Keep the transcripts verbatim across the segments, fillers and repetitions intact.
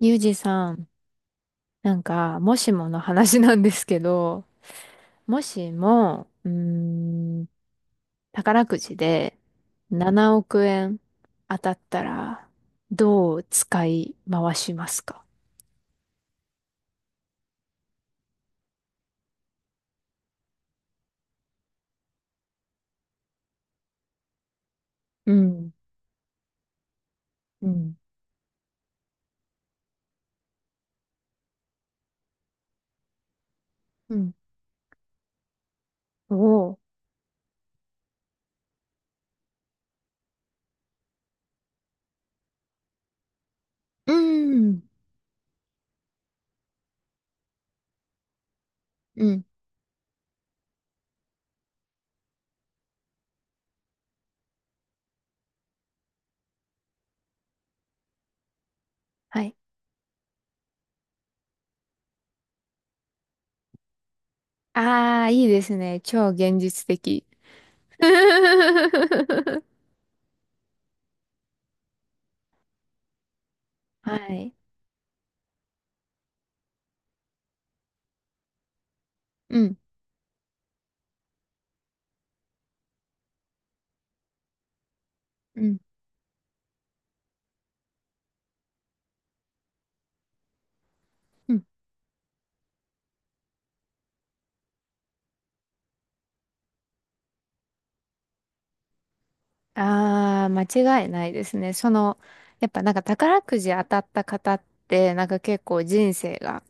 ゆうじさん、なんか、もしもの話なんですけど、もしも、うーん、宝くじでななおく円当たったら、どう使い回しますか？うん、うん、うん。おー、うん、うん。はい。ああ、いいですね。超現実的。はい。うん、うん、うん。ああ、間違いないですね。その、やっぱなんか宝くじ当たった方って、なんか結構人生が、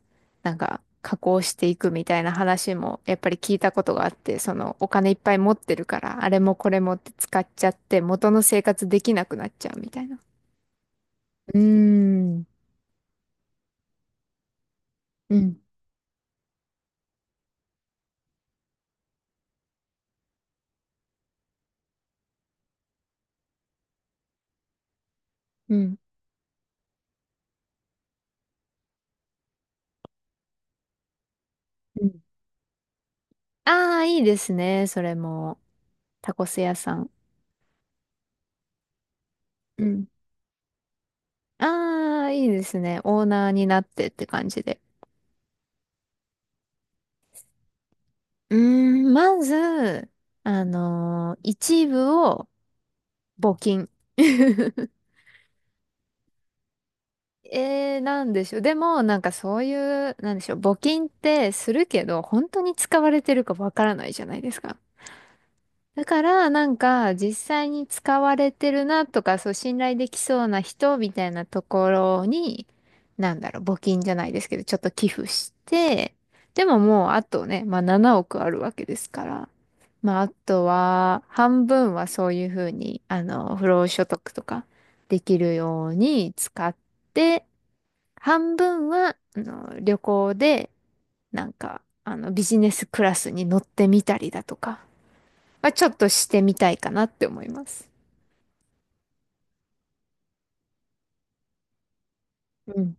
なんか加工していくみたいな話も、やっぱり聞いたことがあって、そのお金いっぱい持ってるから、あれもこれもって使っちゃって、元の生活できなくなっちゃうみたいな。うーん、うん、うん、うん。ああ、いいですね。それも、タコス屋さん。うん。ああ、いいですね。オーナーになってって感じで。うーん、まず、あのー一部を募金。えー、なんでしょう。でも、なんかそういう、なんでしょう。募金ってするけど、本当に使われてるかわからないじゃないですか。だから、なんか、実際に使われてるなとか、そう、信頼できそうな人みたいなところに、なんだろう、募金じゃないですけど、ちょっと寄付して、でももう、あとね、まあ、ななおくあるわけですから、まあ、あとは、半分はそういうふうに、あの、不労所得とか、できるように使って、半分は、あの、旅行で、なんか、あの、ビジネスクラスに乗ってみたりだとか、まあ、ちょっとしてみたいかなって思います。うん。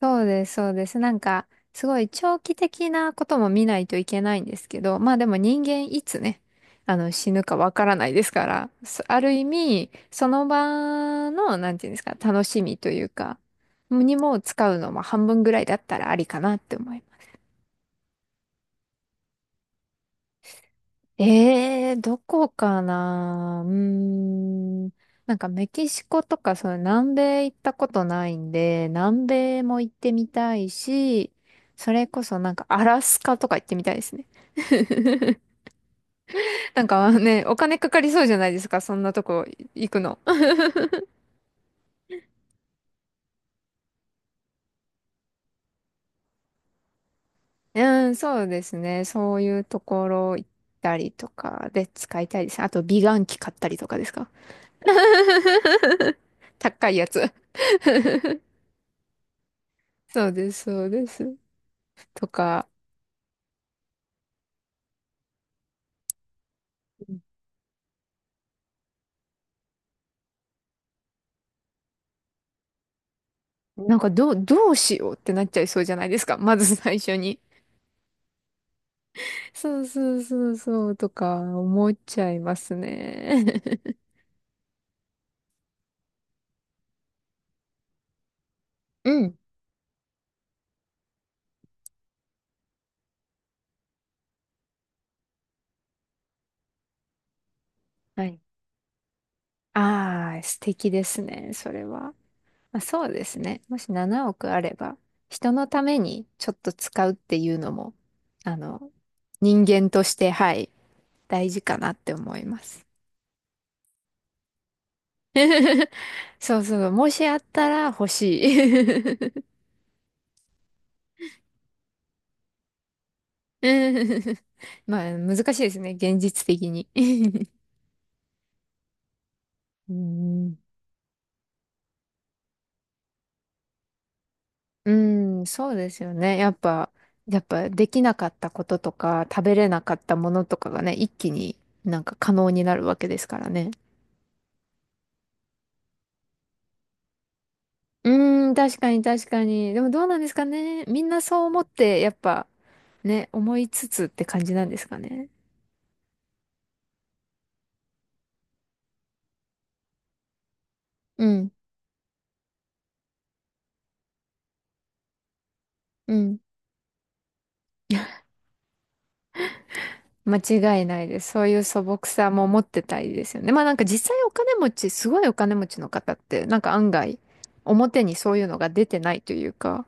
そうです、そうです。なんか、すごい長期的なことも見ないといけないんですけど、まあでも人間いつね、あの死ぬかわからないですから、そある意味、その場の、なんていうんですか、楽しみというか、にも使うのも半分ぐらいだったらありかなって思います。ええ、どこかな。うーん。なんかメキシコとか、そう、南米行ったことないんで、南米も行ってみたいし、それこそなんかアラスカとか行ってみたいですね。なんかね、お金かかりそうじゃないですか、そんなとこ行くの。うん、そうですね。そういうところ行ったりとかで使いたいです。あと、美顔器買ったりとかですか？ 高いやつ。そうです、そうです。とか、なんかどう、どうしようってなっちゃいそうじゃないですか。まず最初に。そうそうそうそうとか思っちゃいますね。うん。はい。ああ、素敵ですね、それは。まあ、そうですね。もしななおくあれば、人のためにちょっと使うっていうのも、あの、人間として、はい、大事かなって思います。そうそう、もしあったら欲しい。うん。 まあ、難しいですね。現実的に。うん、うん、そうですよね。やっぱ、やっぱできなかったこととか、食べれなかったものとかがね、一気になんか可能になるわけですからね。うん、確かに確かに。でもどうなんですかね。みんなそう思って、やっぱ、ね、思いつつって感じなんですかね。うん、うん。間違いないです。そういう素朴さも持ってたいですよね。まあなんか実際お金持ち、すごいお金持ちの方って、なんか案外、表にそういうのが出てないというか、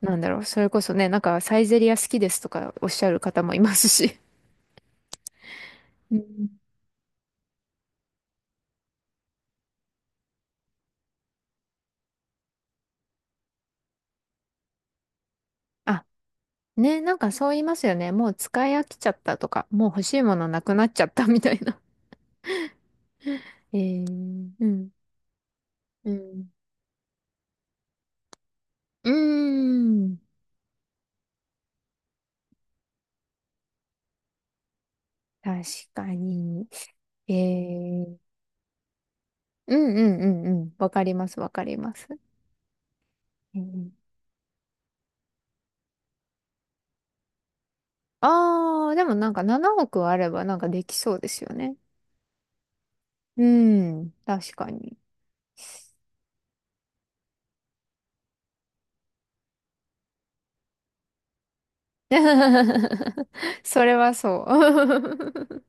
なんだろう、それこそね、なんかサイゼリア好きですとかおっしゃる方もいますし。うん。あ、ね、なんかそう言いますよね。もう使い飽きちゃったとか、もう欲しいものなくなっちゃったみたいな。えー、うん。うん。うーん。確かに。えー、うんうんうんうん。わかります、わかります。うん。ああー、でもなんかななおくあればなんかできそうですよね。うん、確かに。それはそう。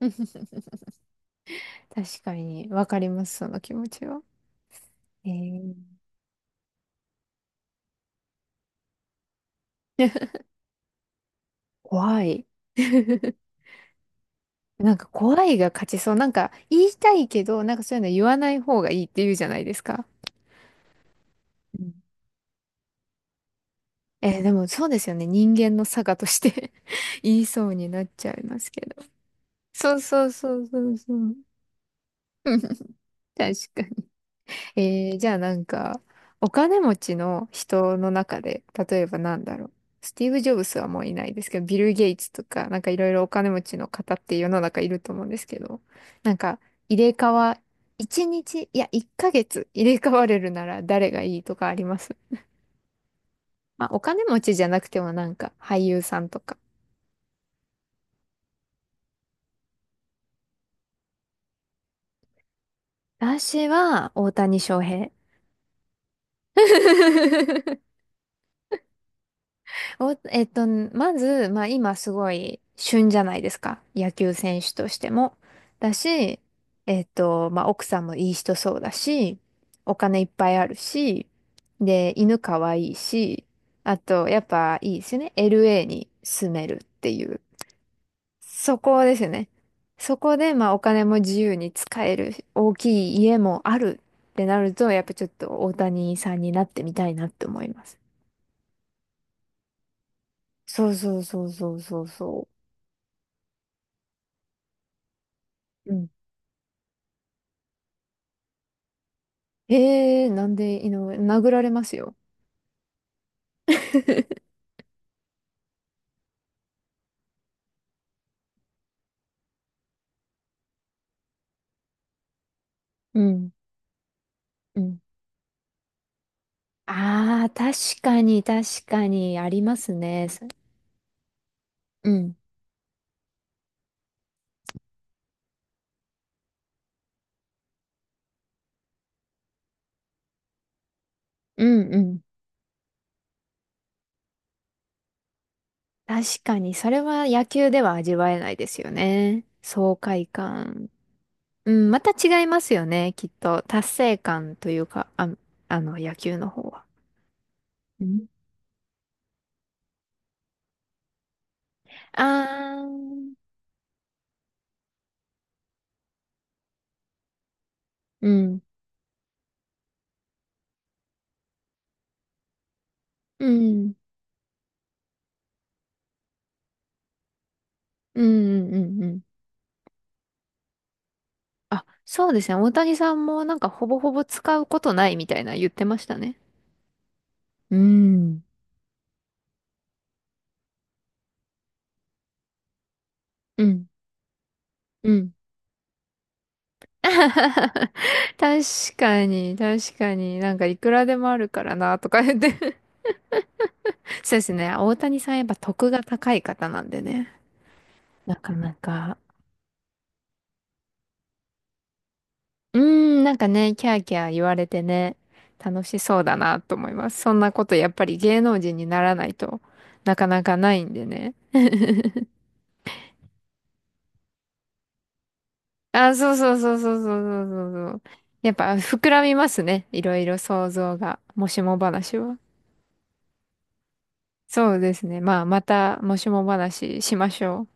確かに、わかります、その気持ちは。えー、怖い。なんか怖いが勝ちそう。なんか言いたいけど、なんかそういうの言わない方がいいって言うじゃないですか。うん。えーでもそうですよね。人間の差がとして、 言いそうになっちゃいますけど。そうそうそうそうそう。確かに。えー、じゃあなんか、お金持ちの人の中で、例えばなんだろう。スティーブ・ジョブスはもういないですけど、ビル・ゲイツとか、なんかいろいろお金持ちの方って世の中いると思うんですけど、なんか入れ替わ、いちにち、いや、いっかげつ入れ替われるなら誰がいいとかありますまあ、お金持ちじゃなくてもなんか俳優さんとか。私は大谷翔平。お、えっと、まず、まあ今すごい旬じゃないですか。野球選手としても。だし、えっと、まあ奥さんもいい人そうだし、お金いっぱいあるし、で、犬かわいいし、あと、やっぱいいですよね。エルエー に住めるっていう。そこですよね。そこで、まあお金も自由に使える、大きい家もあるってなると、やっぱちょっと大谷さんになってみたいなって思います。そうそうそうそうそうそう。ええーなんで井上、殴られますよ。うん、うん。ああ、確かに、確かに、ありますね。そうん、うん、うん。確かに、それは野球では味わえないですよね。爽快感。うん、また違いますよね、きっと。達成感というか、あ、あの、野球の方は。うん。ああ、うん、うん、うん、うん、うん、うん。あ、そうですね。大谷さんもなんかほぼほぼ使うことないみたいな言ってましたね。うん。うん。うん。確かに、確かに。なんかいくらでもあるからな、とか言って。そうですね。大谷さんやっぱ得が高い方なんでね。なかなか。うーん、なんかね、キャーキャー言われてね、楽しそうだなと思います。そんなことやっぱり芸能人にならないとなかなかないんでね。あ、そうそうそうそうそうそうそうそう。やっぱ膨らみますね。いろいろ想像が。もしも話は。そうですね。まあ、またもしも話しましょう。